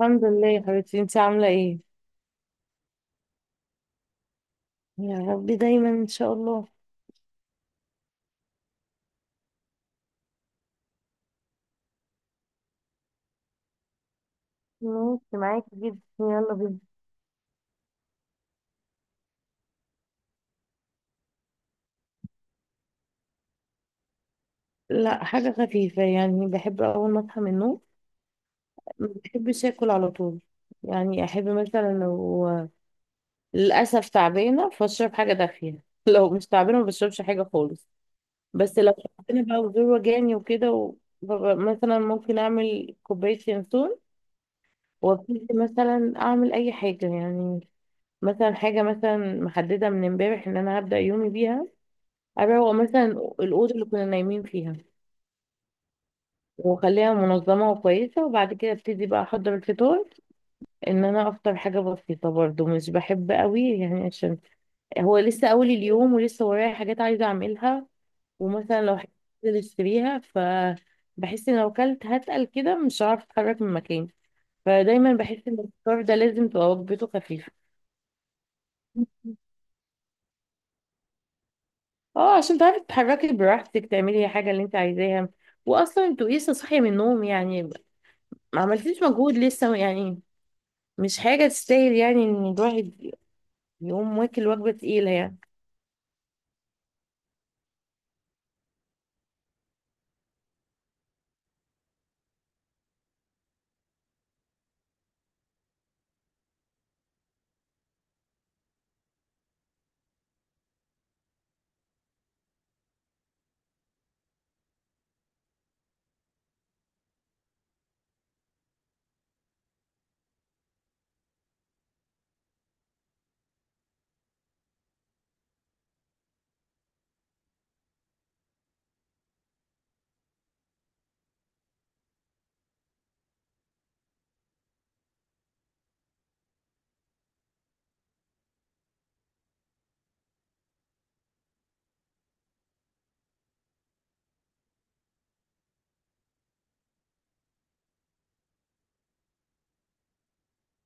الحمد لله يا حبيبتي، انتي عاملة ايه؟ يا رب دايما ان شاء الله. ماشي معاكي جدا، يلا بينا. لا، حاجه خفيفه، يعني بحب اول ما اصحى من النوم ما بحبش اكل على طول. يعني احب مثلا لو للاسف تعبانه فاشرب حاجه دافيه لو مش تعبانه ما بشربش حاجه خالص، بس لو تعبانه بقى وزور وجعني وكده ببقى مثلا ممكن اعمل كوبايه ينسون، وابتدي مثلا اعمل اي حاجه يعني. مثلا حاجة مثلا محددة من امبارح ان انا هبدأ يومي بيها، اروق مثلا الأوضة اللي كنا نايمين فيها واخليها منظمة وكويسة، وبعد كده ابتدي بقى احضر الفطار. ان انا افطر حاجة بسيطة برضو، مش بحب قوي يعني، عشان هو لسه اول اليوم ولسه ورايا حاجات عايزة اعملها. ومثلا لو حاجة عايزة اشتريها ف بحس ان لو كلت هتقل كده مش هعرف اتحرك من مكاني. فدايما بحس ان الفطار ده لازم تبقى وجبته خفيفة، اه، عشان تعرفي تتحركي براحتك تعملي حاجة اللي انت عايزاها. واصلا انتوا لسه صاحية من النوم يعني، ما عملتيش مجهود لسه يعني. مش حاجة تستاهل يعني ان الواحد يقوم واكل وجبة تقيلة يعني.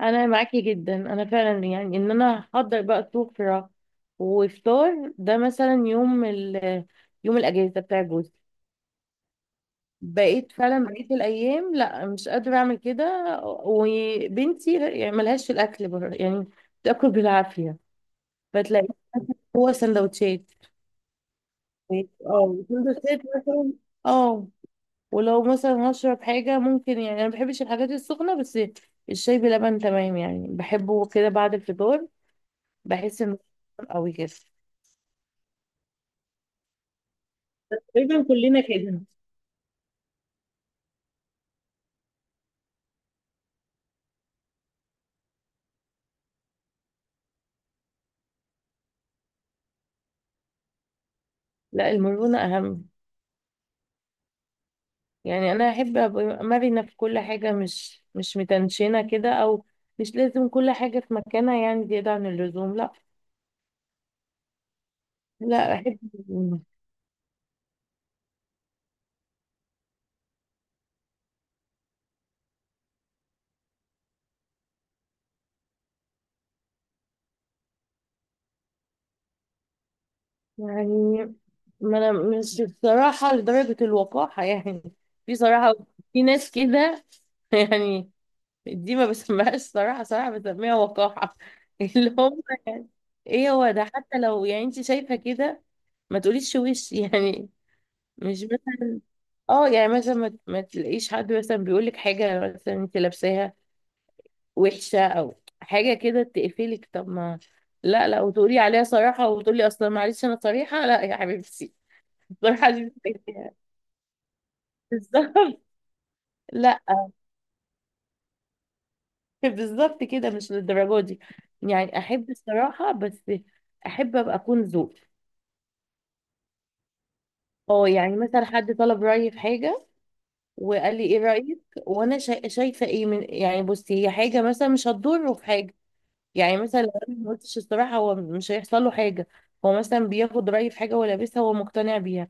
انا معاكي جدا. انا فعلا يعني ان انا احضر بقى سفرة وفطار، ده مثلا يوم يوم الاجازة بتاع جوزي. بقيت فعلا بقيت الايام لا مش قادرة اعمل كده. وبنتي يعني ملهاش في الاكل بره يعني، بتاكل بالعافية. فتلاقي هو سندوتشات. ماشي. اه سندوتشات مثلا، اه. ولو مثلا هشرب حاجة، ممكن، يعني أنا مبحبش الحاجات السخنة، بس الشاي بلبن تمام يعني، بحبه كده بعد الفطار. بحس إنه قوي كده. تقريبا كلنا كده. لا، المرونة أهم. يعني أنا أحب أبقى مرنة في كل حاجة، مش متنشنة كده، أو مش لازم كل حاجة في مكانها يعني زيادة عن اللزوم، لا. لا، أحب المرونة. يعني ما انا مش بصراحة لدرجة الوقاحة يعني. في صراحة، في ناس كده يعني، دي ما بسميهاش صراحة، صراحة بسميها وقاحة اللي هم يعني، ايه هو ده، حتى لو يعني انت شايفة كده ما تقوليش وش يعني. مش مثلا اه، يعني مثلا ما تلاقيش حد مثلا بيقول لك حاجة مثلا انت لابساها وحشة او حاجة كده تقفلك. طب ما لا لا، وتقولي عليها صراحة، وتقولي اصلا معلش انا صريحة. لا يا حبيبتي، بصراحة دي محتاجاها. بالظبط. لا، بالظبط كده، مش للدرجة دي يعني. أحب الصراحة بس أحب أبقى أكون ذوق. اه، يعني مثلا حد طلب رأيي في حاجة، وقال لي ايه رأيك، وانا شايفة ايه من يعني، بصي هي حاجة مثلا مش هتضره في حاجة، يعني مثلا لو انا ما قلتش الصراحة هو مش هيحصل له حاجة. هو مثلا بياخد رأيي في حاجة هو لابسها، هو مقتنع بيها،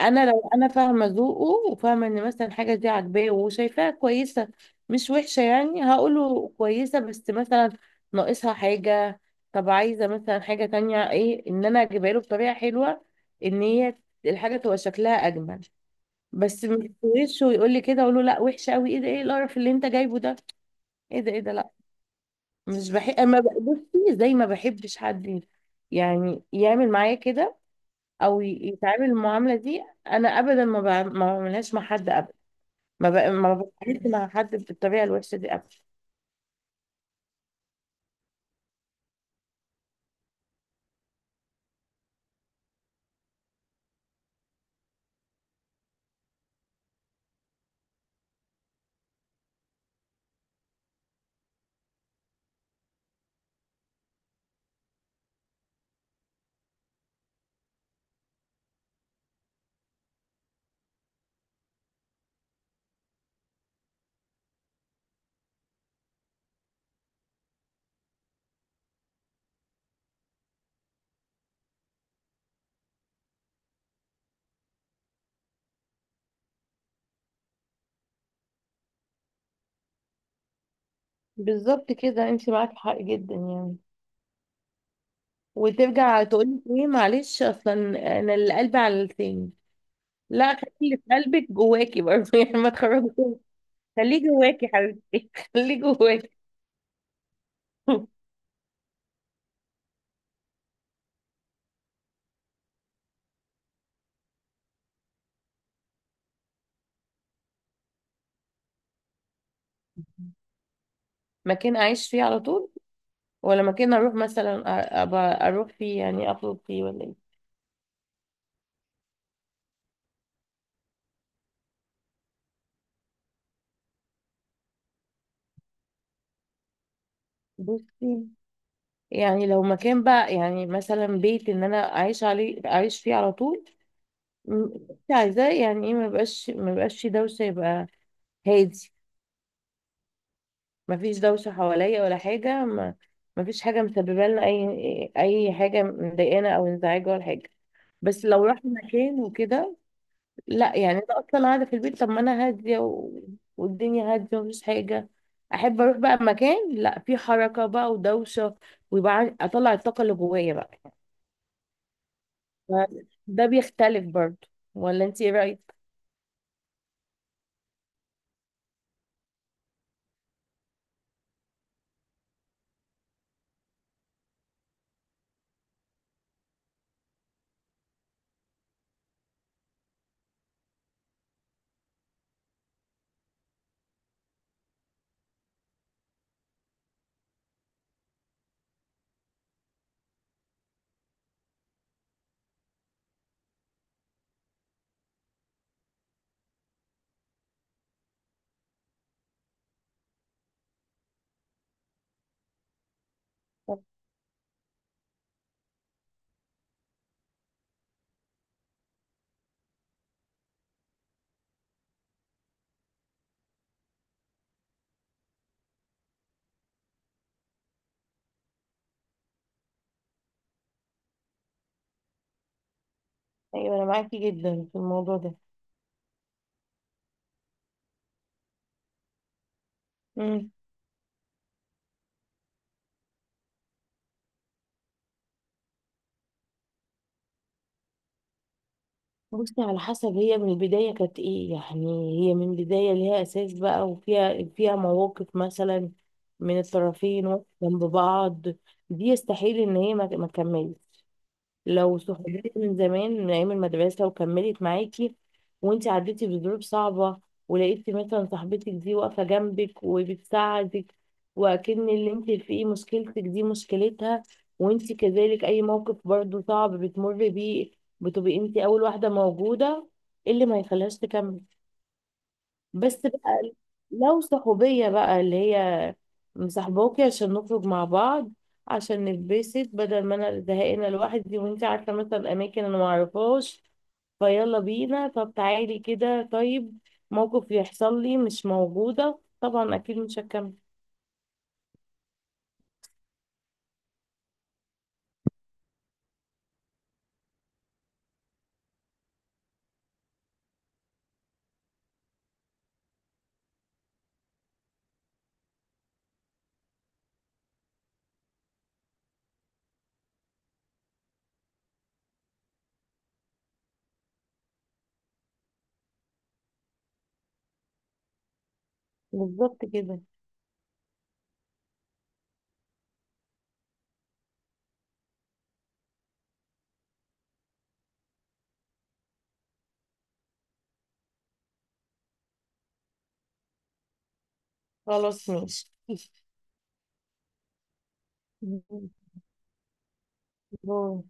انا لو انا فاهمه ذوقه وفاهمه ان مثلا حاجه دي عاجباه وشايفاها كويسه مش وحشه، يعني هقوله كويسه، بس مثلا ناقصها حاجه، طب عايزه مثلا حاجه تانية ايه، ان انا اجيبها له بطريقه حلوه ان هي الحاجه تبقى شكلها اجمل. بس مش وشه ويقول لي كده اقول له لا وحشه قوي، ايه ده، ايه القرف اللي انت جايبه ده، ايه ده ايه ده، لا. مش بحب ما بقى- بصي، زي ما بحبش حد يعني يعمل معايا كده، او يتعامل المعامله دي، انا ابدا ما بعملهاش مع حد ابدا. ما بتعاملش مع حد بالطريقه الوحشه دي ابدا. بالظبط كده، انت معاك حق جدا يعني. وترجع تقولي ايه معلش، اصلا انا اللي قلبي على لساني. لا، خلي اللي في قلبك جواكي برضه يعني ما تخرجوش. خليه جواكي حبيبتي خليه جواكي. مكان اعيش فيه على طول ولا مكان اروح مثلا أبقى اروح فيه يعني اخرج فيه ولا ايه؟ بصي، يعني لو مكان بقى، يعني مثلا بيت ان انا اعيش عليه اعيش فيه على طول، م- عايزاه يعني ايه، ما يبقاش، ما يبقاش فيه دوشه، يبقى هادي، ما فيش دوشه حواليا ولا حاجه، ما ما فيش حاجه مسببه لنا اي حاجه مضايقانا او انزعاج ولا حاجه. بس لو رحت مكان وكده، لا يعني انا اصلا قاعده في البيت طب ما انا هاديه، و... والدنيا هاديه ومفيش حاجه، احب اروح بقى مكان لا فيه حركه بقى ودوشه، ويبقى اطلع الطاقه اللي جوايا بقى. ما- ده بيختلف برضه، ولا انت ايه رأيك؟ ايوه، انا معاكي جدا في الموضوع ده. امم، بصي على حسب هي من البدايه كانت ايه يعني. هي من البدايه ليها اساس بقى، وفيها مواقف مثلا من الطرفين جنب بعض، دي يستحيل ان هي ما تكملش. لو صحبتك من زمان من ايام المدرسه وكملت معاكي، وانت عديتي بظروف صعبه ولقيتي مثلا صاحبتك دي واقفه جنبك وبتساعدك، واكن اللي انت فيه مشكلتك دي مشكلتها، وانت كذلك اي موقف برضو صعب بتمر بيه بتبقي انت اول واحده موجوده، إيه اللي ما يخليهاش تكمل؟ بس بقى لو صحوبية بقى اللي هي مصاحباكي عشان نخرج مع بعض، عشان نتبسط بدل ما انا زهقانة لوحدي، وانت عارفة مثلا اماكن انا معرفهاش فيلا بينا طب تعالي كده، طيب موقف يحصل لي مش موجودة، طبعا اكيد مش هكمل. بالظبط كده. خلاص ماشي. باي.